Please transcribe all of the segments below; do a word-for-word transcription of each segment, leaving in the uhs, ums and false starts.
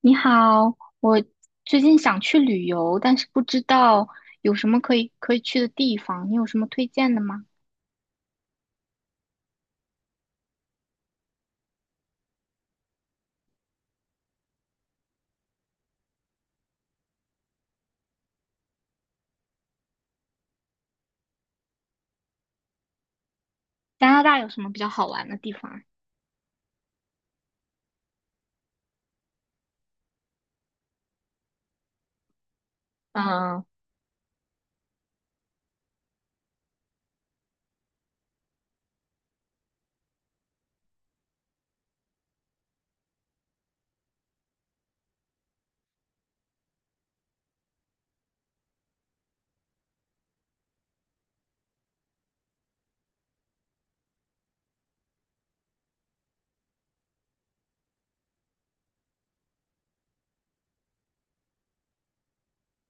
你好，我最近想去旅游，但是不知道有什么可以可以去的地方，你有什么推荐的吗？加拿大有什么比较好玩的地方啊嗯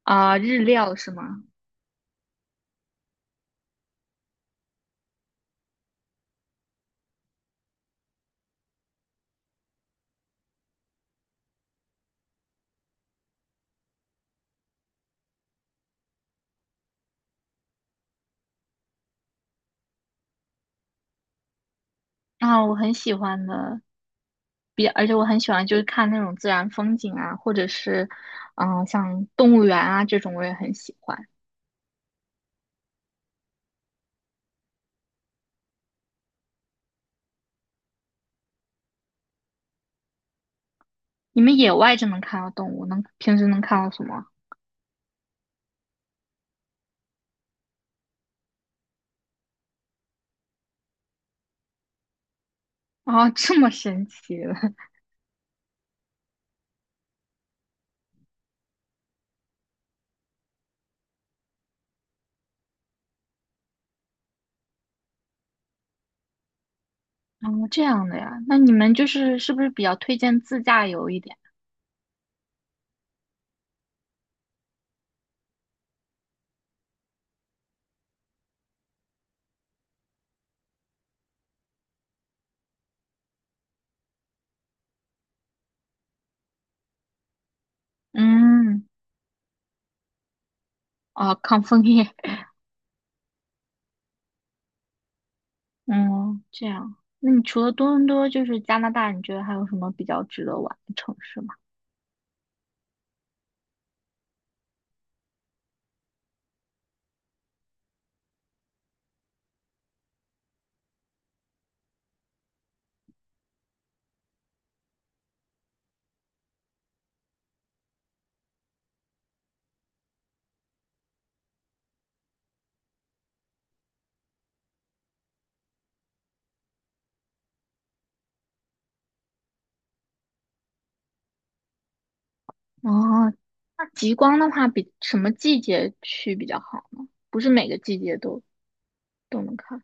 啊，日料是吗？啊，我很喜欢的，比而且我很喜欢就是看那种自然风景啊，或者是嗯、呃像动物园啊这种，我也很喜欢。你们野外就能看到动物，能平时能看到什么？啊，这么神奇的，哦，这样的呀？那你们就是是不是比较推荐自驾游一点？嗯，哦，抗枫叶，嗯，这样。那你除了多伦多，就是加拿大，你觉得还有什么比较值得玩的城市吗？哦，那极光的话，比什么季节去比较好呢？不是每个季节都都能看。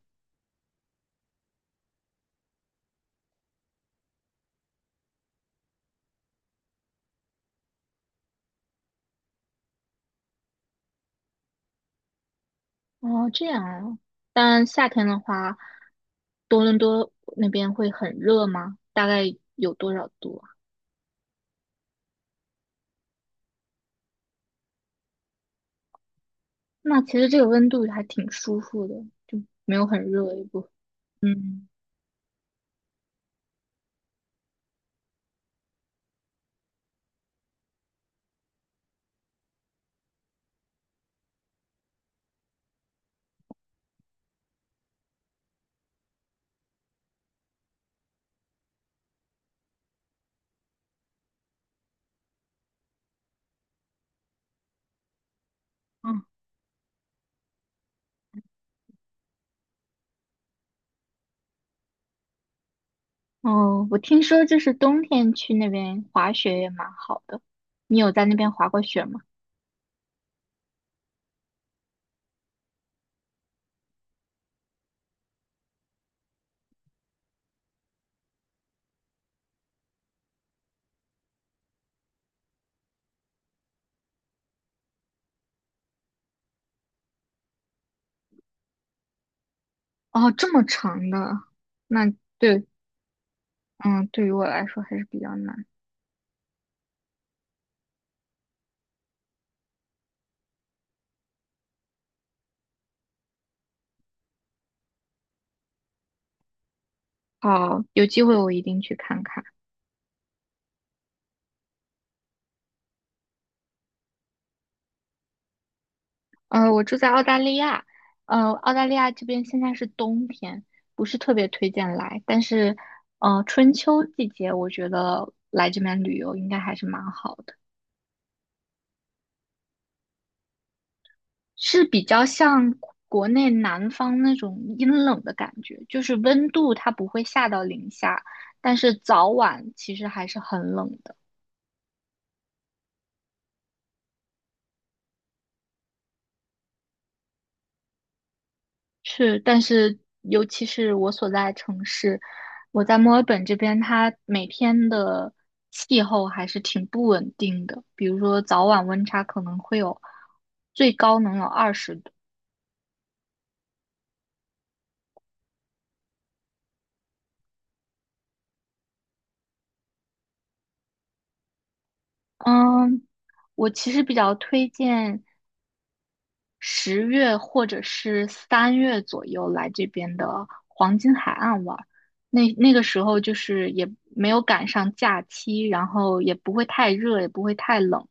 哦，这样啊。但夏天的话，多伦多那边会很热吗？大概有多少度啊？那其实这个温度还挺舒服的，就没有很热，也不，嗯。嗯哦，我听说就是冬天去那边滑雪也蛮好的。你有在那边滑过雪吗？哦，这么长的，那对，嗯，对于我来说还是比较难。好，有机会我一定去看看。呃，我住在澳大利亚，呃，澳大利亚这边现在是冬天，不是特别推荐来，但是，呃，春秋季节我觉得来这边旅游应该还是蛮好的。是比较像国内南方那种阴冷的感觉，就是温度它不会下到零下，但是早晚其实还是很冷的。是，但是尤其是我所在城市，我在墨尔本这边，它每天的气候还是挺不稳定的，比如说早晚温差可能会有最高能有二十度。嗯，我其实比较推荐十月或者是三月左右来这边的黄金海岸玩儿。那那个时候就是也没有赶上假期，然后也不会太热，也不会太冷。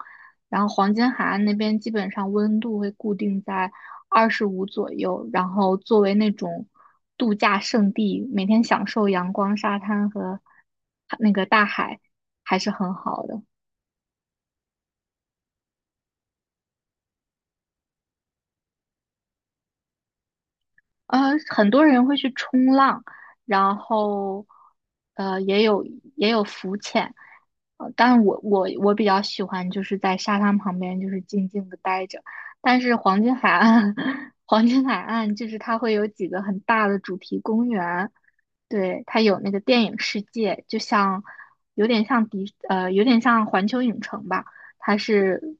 然后黄金海岸那边基本上温度会固定在二十五左右，然后作为那种度假胜地，每天享受阳光、沙滩和那个大海，还是很好的。呃，很多人会去冲浪，然后呃也有也有浮潜，呃，但我我我比较喜欢就是在沙滩旁边就是静静的待着。但是黄金海岸，黄金海岸就是它会有几个很大的主题公园，对，它有那个电影世界，就像有点像迪呃有点像环球影城吧。它是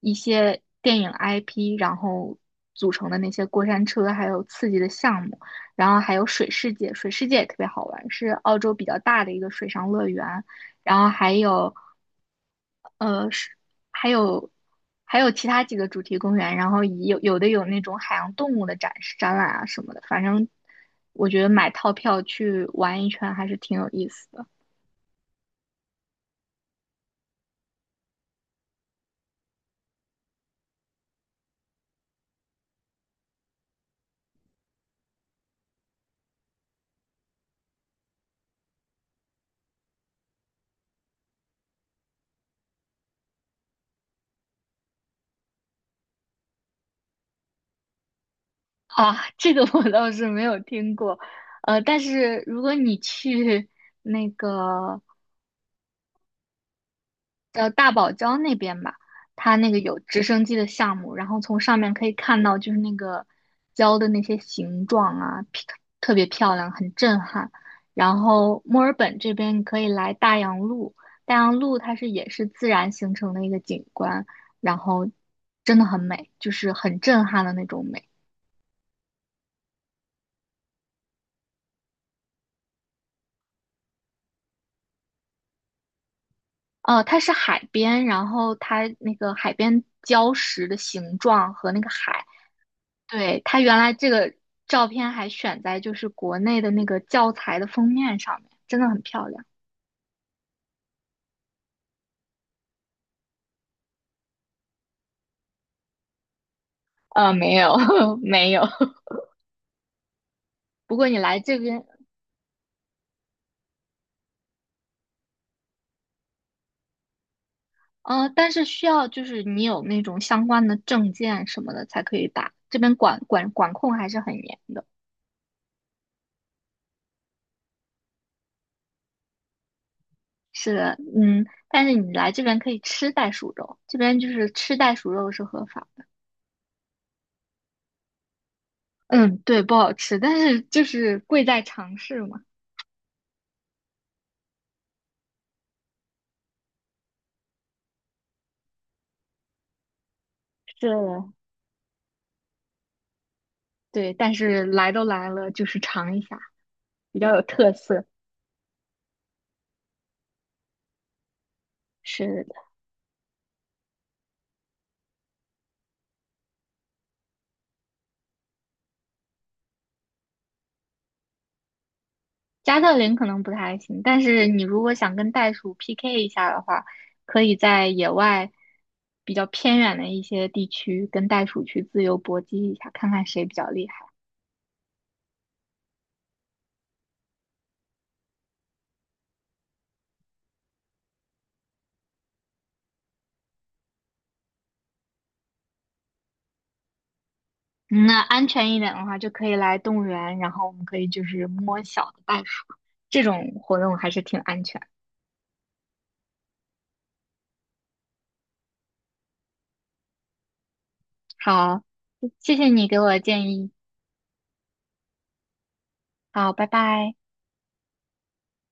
一些电影 I P，然后组成的那些过山车，还有刺激的项目，然后还有水世界，水世界也特别好玩，是澳洲比较大的一个水上乐园，然后还有呃是还有还有其他几个主题公园，然后以有有的有那种海洋动物的展示展览啊什么的，反正我觉得买套票去玩一圈还是挺有意思的。啊，这个我倒是没有听过，呃，但是如果你去那个叫大堡礁那边吧，它那个有直升机的项目，然后从上面可以看到就是那个礁的那些形状啊，皮特别漂亮，很震撼。然后墨尔本这边你可以来大洋路，大洋路它是也是自然形成的一个景观，然后真的很美，就是很震撼的那种美。哦，它是海边，然后它那个海边礁石的形状和那个海，对，它原来这个照片还选在就是国内的那个教材的封面上面，真的很漂亮。呃，没有 没有，不过你来这边，呃，但是需要就是你有那种相关的证件什么的才可以打，这边管管管控还是很严的。是的，嗯，但是你来这边可以吃袋鼠肉，这边就是吃袋鼠肉是合法。嗯，对，不好吃，但是就是贵在尝试嘛。是的对，但是来都来了，就是尝一下，比较有特色。是的，加特林可能不太行，但是你如果想跟袋鼠 P K 一下的话，可以在野外比较偏远的一些地区跟袋鼠去自由搏击一下，看看谁比较厉害。嗯那安全一点的话，就可以来动物园，然后我们可以就是摸小的袋鼠，这种活动还是挺安全。好，谢谢你给我的建议。好，拜拜。